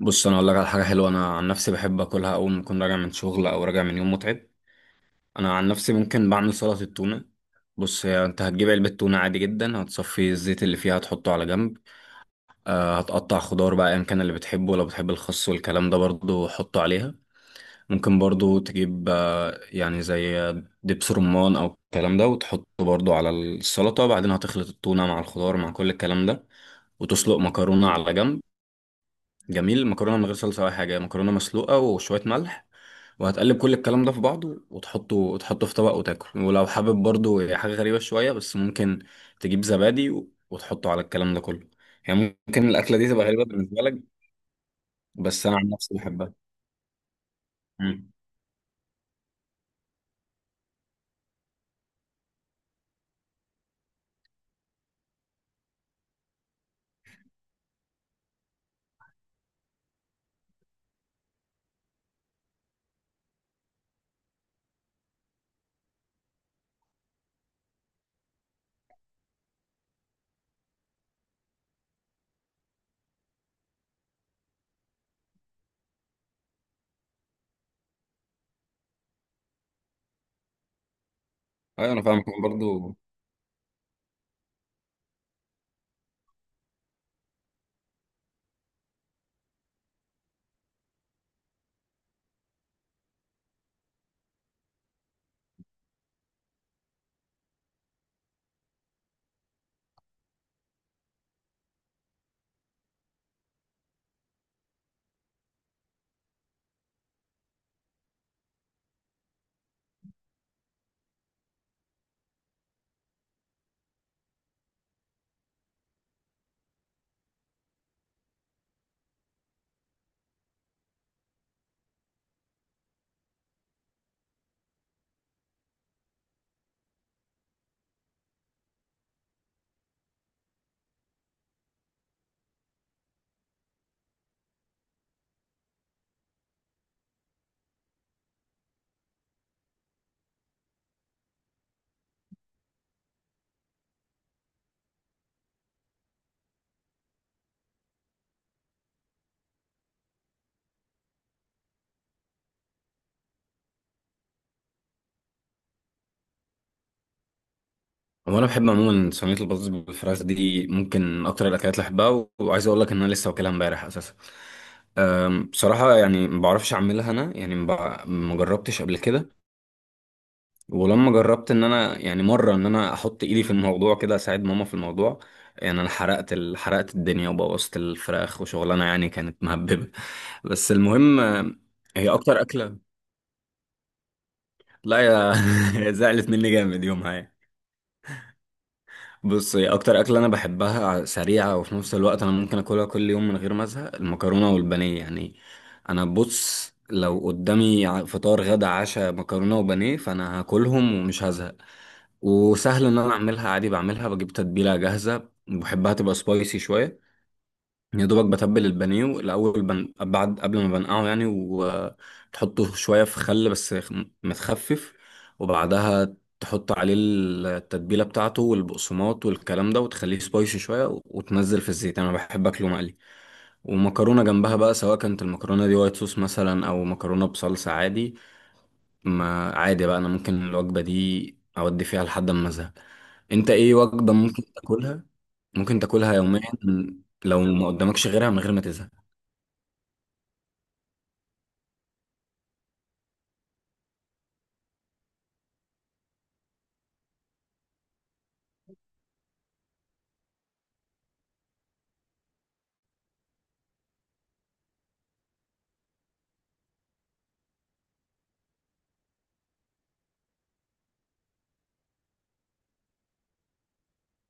بص، انا اقول لك على حاجه حلوه. انا عن نفسي بحب اكلها اول ما اكون راجع من شغل او راجع من يوم متعب. انا عن نفسي ممكن بعمل سلطه التونه. بص، هي انت هتجيب علبه تونه عادي جدا، هتصفي الزيت اللي فيها هتحطه على جنب. هتقطع خضار بقى، ايا كان اللي بتحبه، لو بتحب الخس والكلام ده برضو حطه عليها. ممكن برضو تجيب يعني زي دبس رمان او الكلام ده، وتحطه برضو على السلطه. بعدين هتخلط التونه مع الخضار مع كل الكلام ده وتسلق مكرونه على جنب. جميل، المكرونه من غير صلصه ولا حاجه، مكرونه مسلوقه وشويه ملح. وهتقلب كل الكلام ده في بعضه، وتحطه في طبق وتاكل. ولو حابب برضو حاجه غريبه شويه، بس ممكن تجيب زبادي وتحطه على الكلام ده كله. يعني ممكن الاكله دي تبقى غريبه بالنسبه لك، بس انا عن نفسي بحبها. مم. ايوه، انا فاهمك. أنا برضو هو انا بحب عموما صينيه البطاطس بالفراخ دي، ممكن من اكتر الاكلات اللي بحبها. وعايز اقول لك ان انا لسه واكلها امبارح اساسا. بصراحه يعني ما بعرفش اعملها انا. يعني ما جربتش قبل كده. ولما جربت ان انا يعني مره ان انا احط ايدي في الموضوع كده، اساعد ماما في الموضوع، يعني انا حرقت الدنيا وبوظت الفراخ، وشغلانه يعني كانت مهببه. بس المهم. هي اكتر اكله. لا يا. هي زعلت مني جامد يومها يعني. بصي، اكتر اكله انا بحبها سريعه وفي نفس الوقت انا ممكن اكلها كل يوم من غير ما ازهق، المكرونه والبانيه يعني. انا بص، لو قدامي فطار غدا عشاء مكرونه وبانيه، فانا هاكلهم ومش هزهق. وسهل ان انا اعملها عادي. بعملها، بجيب تتبيله جاهزه بحبها تبقى سبايسي شويه. يا دوبك بتبل البانيه الاول بعد، قبل ما بنقعه يعني، وتحطه شويه في خل بس متخفف. وبعدها تحط عليه التتبيله بتاعته والبقسماط والكلام ده، وتخليه سبايسي شويه وتنزل في الزيت. انا بحب اكله مقلي ومكرونه جنبها بقى، سواء كانت المكرونه دي وايت صوص مثلا او مكرونه بصلصه عادي. ما عادي بقى، انا ممكن الوجبة دي اودي فيها لحد ما ازهق. انت ايه وجبة ممكن تاكلها؟ ممكن تاكلها يوميا؟ لو ما قدامكش غيرها من غير ما تزهق؟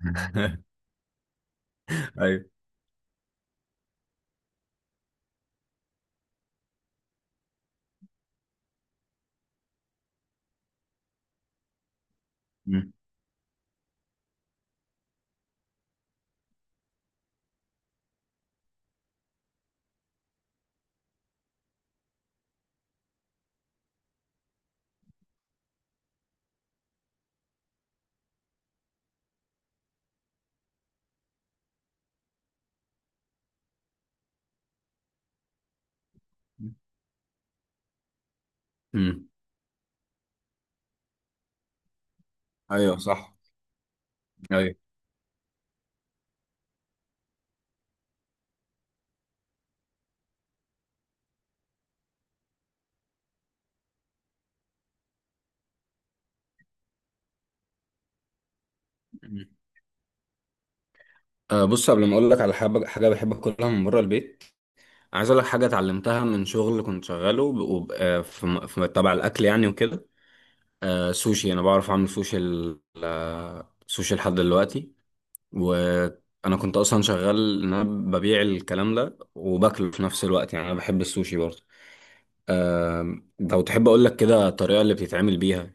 ايوه. مم. مم. ايوه صح. ايوه. مم. أه بص، قبل ما اقول لك على حاجه بحب اكلها من بره البيت، عايز اقول لك حاجه اتعلمتها من شغل كنت شغاله في تبع الاكل يعني وكده. سوشي، انا بعرف اعمل سوشي سوشي لحد دلوقتي. وانا كنت اصلا شغال ان انا ببيع الكلام ده وباكله في نفس الوقت، يعني انا بحب السوشي برضه. لو تحب اقول لك كده الطريقه اللي بتتعمل بيها.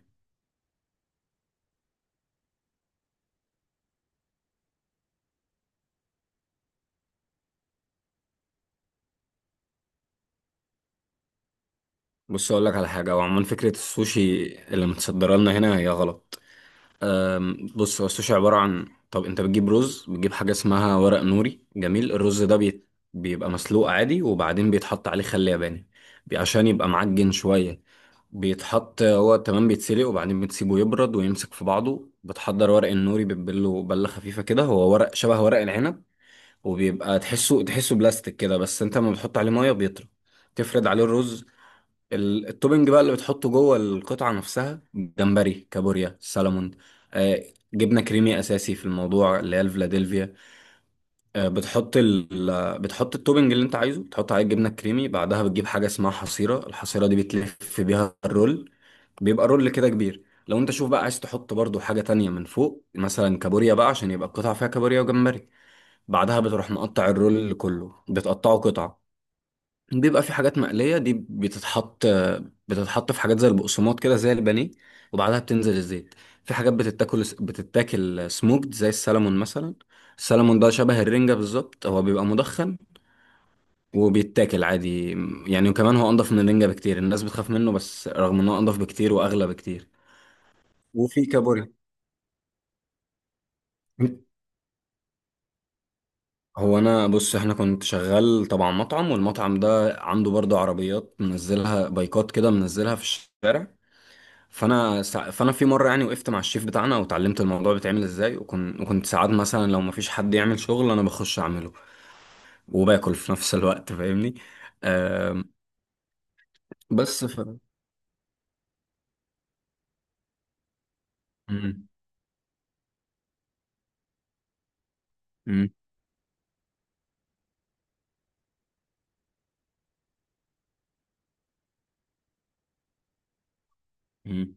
بص، اقول لك على حاجه. هو عموما فكره السوشي اللي متصدره لنا هنا هي غلط. بص، هو السوشي عباره عن، طب انت بتجيب رز، بتجيب حاجه اسمها ورق نوري. جميل، الرز ده بيبقى مسلوق عادي، وبعدين بيتحط عليه خل ياباني عشان يبقى معجن شويه. بيتحط هو، تمام، بيتسلق وبعدين بتسيبه يبرد ويمسك في بعضه. بتحضر ورق النوري، بتبله بلة خفيفة كده. هو ورق شبه ورق العنب، وبيبقى تحسه بلاستيك كده، بس انت لما بتحط عليه مية بيطرى. تفرد عليه الرز. التوبنج بقى اللي بتحطه جوه القطعة نفسها، جمبري، كابوريا، سالمون. آه جبنة كريمي أساسي في الموضوع، اللي هي الفلاديلفيا. آه بتحط ال... آه، بتحط التوبنج اللي انت عايزه، بتحط عليه الجبنة الكريمي. بعدها بتجيب حاجة اسمها حصيرة. الحصيرة دي بتلف بيها الرول، بيبقى رول كده كبير. لو انت شوف بقى عايز تحط برضو حاجة تانية من فوق، مثلا كابوريا بقى عشان يبقى القطعة فيها كابوريا وجمبري. بعدها بتروح مقطع الرول كله، بتقطعه قطع. بيبقى في حاجات مقلية، دي بتتحط في حاجات زي البقسماط كده زي البانيه، وبعدها بتنزل الزيت. في حاجات بتتاكل سموكد زي السلمون مثلا. السلمون ده شبه الرنجة بالظبط، هو بيبقى مدخن وبيتاكل عادي يعني. وكمان هو انضف من الرنجة بكتير. الناس بتخاف منه، بس رغم انه انضف بكتير واغلى بكتير. وفي كابوريا. هو انا بص، احنا كنت شغال طبعا مطعم، والمطعم ده عنده برضه عربيات منزلها، بايكات كده منزلها في الشارع. فانا في مره يعني وقفت مع الشيف بتاعنا وتعلمت الموضوع بيتعمل ازاي. وكنت ساعات مثلا لو مفيش حد يعمل شغل انا بخش اعمله وباكل في نفس الوقت، فاهمني؟ آم، بس مم. مم. مم.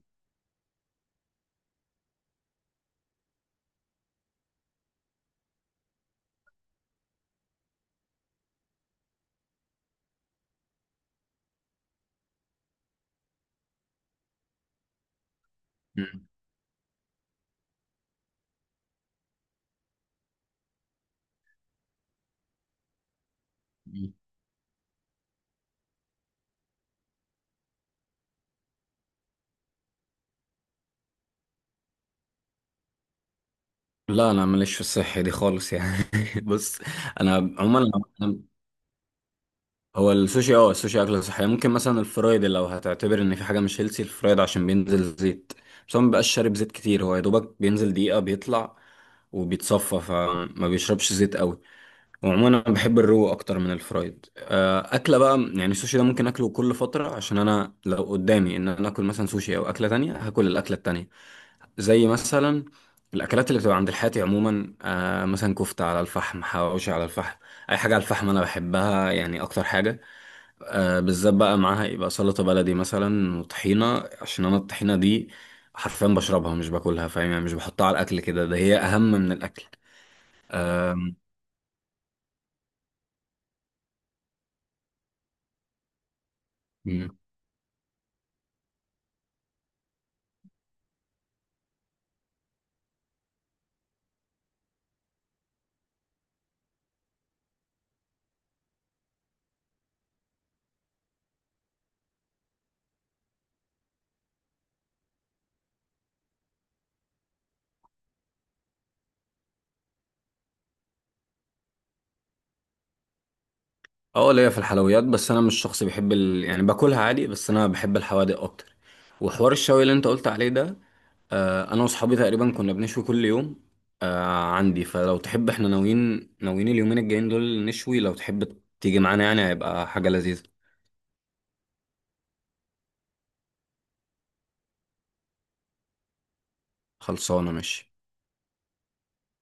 مم. لا، انا ماليش في الصحة دي خالص يعني. بص، انا عموما هو السوشي اكله صحيه. ممكن مثلا الفرايد، لو هتعتبر ان في حاجه مش هيلسي، الفرايد عشان بينزل زيت. بس هو مبيبقاش شارب زيت كتير، هو يا دوبك بينزل دقيقه بيطلع وبيتصفى، فما بيشربش زيت قوي. وعموما انا بحب الرو اكتر من الفرايد. اكله بقى يعني السوشي ده ممكن اكله كل فتره، عشان انا لو قدامي ان انا اكل مثلا سوشي او اكله تانية هاكل الاكله التانية. زي مثلا الاكلات اللي بتبقى عند الحاتي عموما، مثلا كفته على الفحم، حواوشي على الفحم. اي حاجه على الفحم انا بحبها يعني اكتر حاجه. بالذات بقى معاها يبقى سلطة بلدي مثلا وطحينة، عشان انا الطحينة دي حرفيا بشربها مش باكلها، فاهم يعني؟ مش بحطها على الاكل كده، ده هي اهم من الاكل. مم. اه، ليا في الحلويات، بس انا مش شخص بيحب يعني باكلها عادي. بس انا بحب الحوادق اكتر. وحوار الشوي اللي انت قلت عليه ده، انا واصحابي تقريبا كنا بنشوي كل يوم. عندي، فلو تحب احنا ناويين اليومين الجايين دول نشوي، لو تحب تيجي معانا يعني هيبقى حاجة لذيذة. خلصانة، ماشي.